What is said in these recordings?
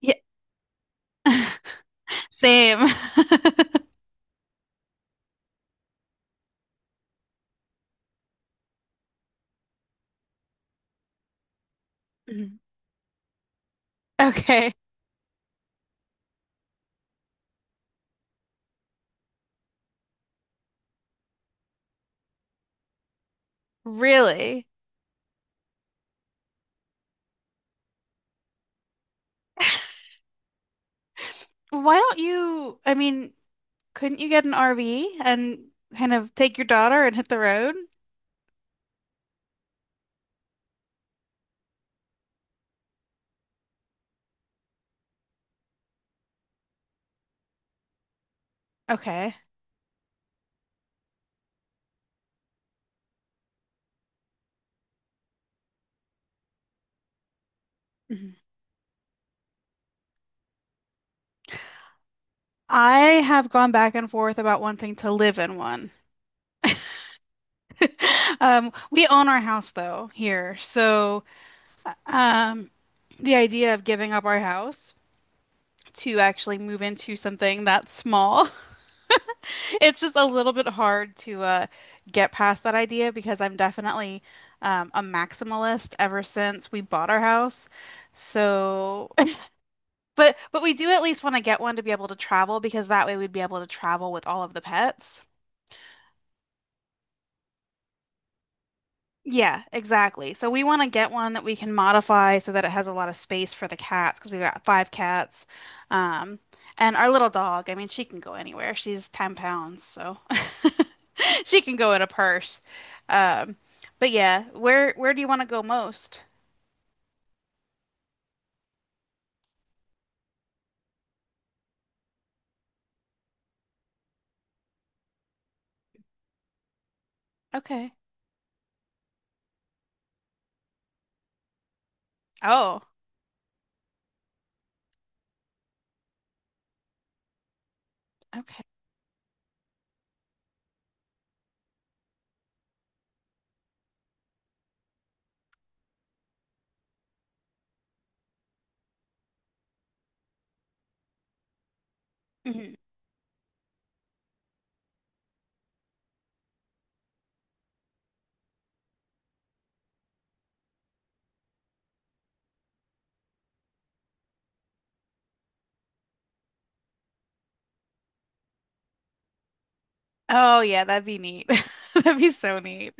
Yeah. Same. Mhm. Okay. Really? Why don't you, I mean, couldn't you get an RV and kind of take your daughter and hit the road? Okay. Mhm. I have gone back and forth about wanting to live in one. We own our house though here, so uh, um, the idea of giving up our house to actually move into something that small. It's just a little bit hard to get past that idea because I'm definitely a maximalist ever since we bought our house. So, but we do at least want to get one to be able to travel because that way we'd be able to travel with all of the pets. Yeah, exactly. So we want to get one that we can modify so that it has a lot of space for the cats because we've got five cats. Um, and our little dog, I mean, she can go anywhere. She's 10 pounds, so she can go in a purse. Um, but yeah, where do you want to go most? Okay. Oh, okay. Mhm. Oh yeah, that'd be neat. That'd be so neat.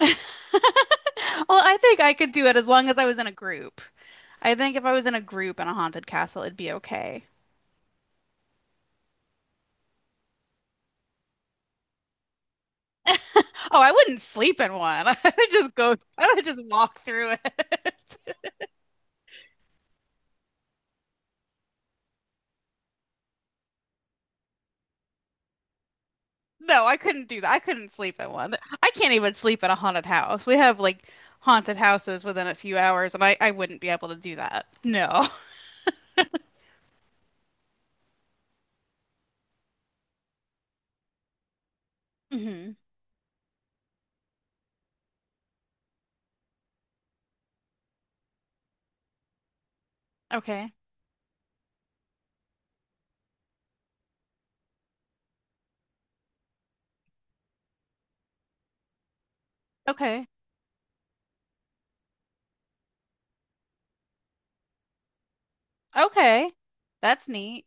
Well, I think I could do it as long as I was in a group. I think if I was in a group in a haunted castle, it'd be okay. Oh, I wouldn't sleep in one. I would just walk through it. No, I couldn't do that. I couldn't sleep in one. I can't even sleep in a haunted house. We have like haunted houses within a few hours, and I wouldn't be able to do that. No. hmm Okay. Okay. Okay. That's neat.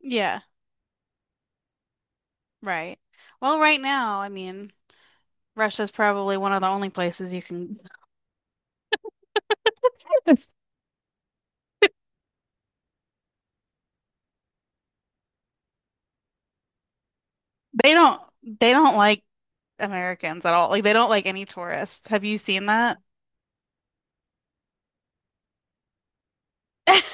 Yeah, right. Well, right now, Russia's probably one of the only places you can they don't like Americans at all. Like they don't like any tourists. Have you seen that?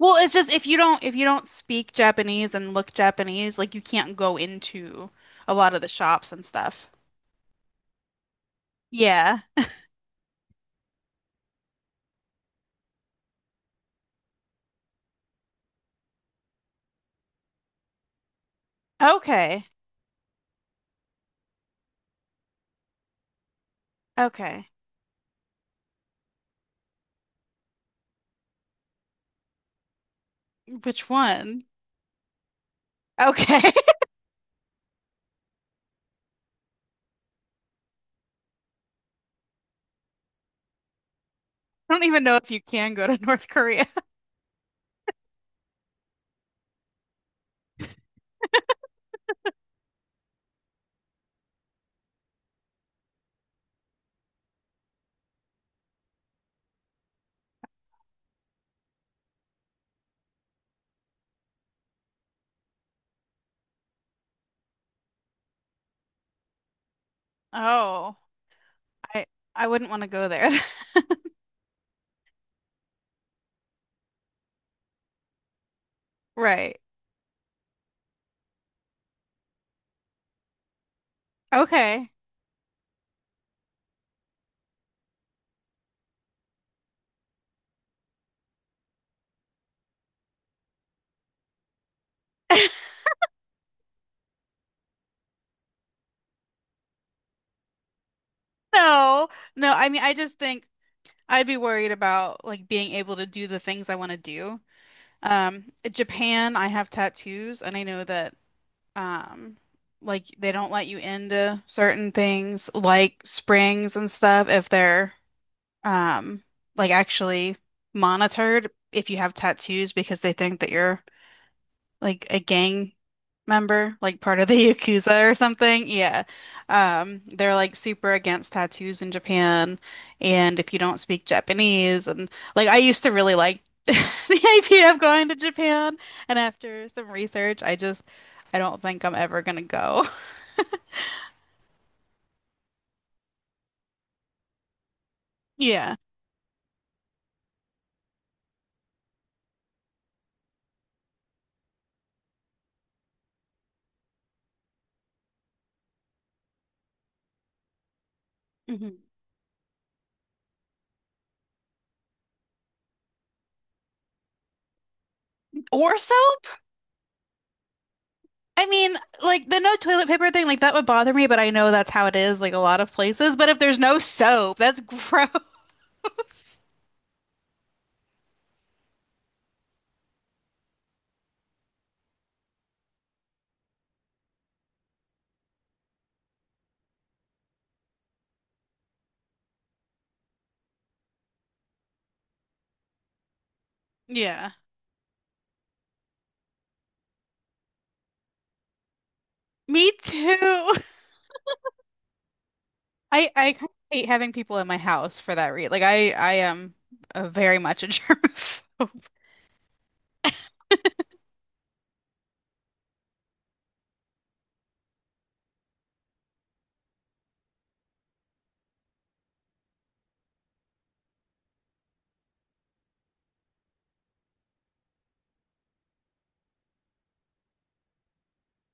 Well, it's just if you don't speak Japanese and look Japanese, like you can't go into a lot of the shops and stuff. Yeah. Okay. Okay. Which one? Okay. I don't even know if you can go to North Korea. Oh, I I wouldn't want to go there. Right. Okay. No. No, I mean I just think I'd be worried about like being able to do the things I want to do. Japan, I have tattoos and I know that um like they don't let you into certain things like springs and stuff if they're um like actually monitored if you have tattoos because they think that you're like a gang member, like part of the Yakuza or something. Yeah. They're like super against tattoos in Japan. And if you don't speak Japanese, and like I used to really like the idea of going to Japan. And after some research, I don't think I'm ever gonna go. Yeah. Mhm. Or soap? I mean, like the no toilet paper thing, like that would bother me, but I know that's how it is, like a lot of places. But if there's no soap, that's gross. Yeah. Me too. I kind of hate having people in my house for that reason. Like I am very much a germaphobe.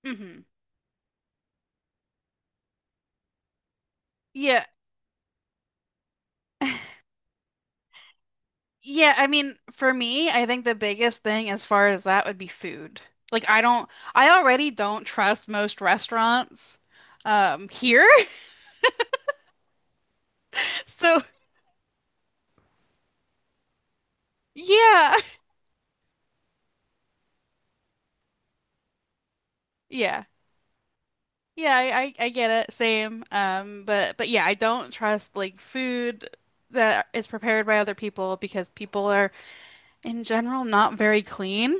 Hmm Yeah. Yeah, I mean, for me, I think the biggest thing as far as that would be food. Like I don't I already don't trust most restaurants here. So yeah, yeah, yeah. I get it. Same. But yeah, I don't trust like food that is prepared by other people because people are in general not very clean.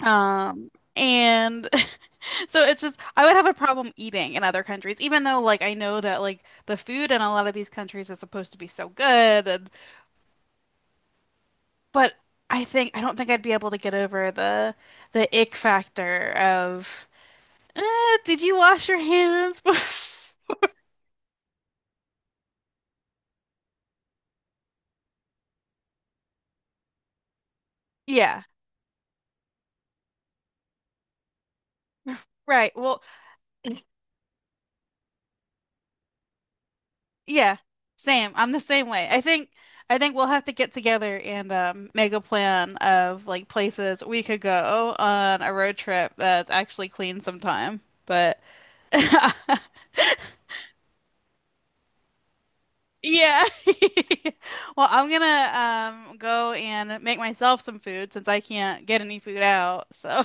Um, and so it's just I would have a problem eating in other countries, even though like I know that like the food in a lot of these countries is supposed to be so good, and, but I don't think I'd be able to get over the ick factor of. uh, did you wash your hands? yeah, right. Well, yeah, same. I'm the same way. I think we'll have to get together and make a plan of like places we could go on a road trip that's actually clean sometime. But yeah. Well, I'm gonna go and make myself some food since I can't get any food out. So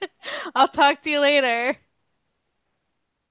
I'll talk to you later.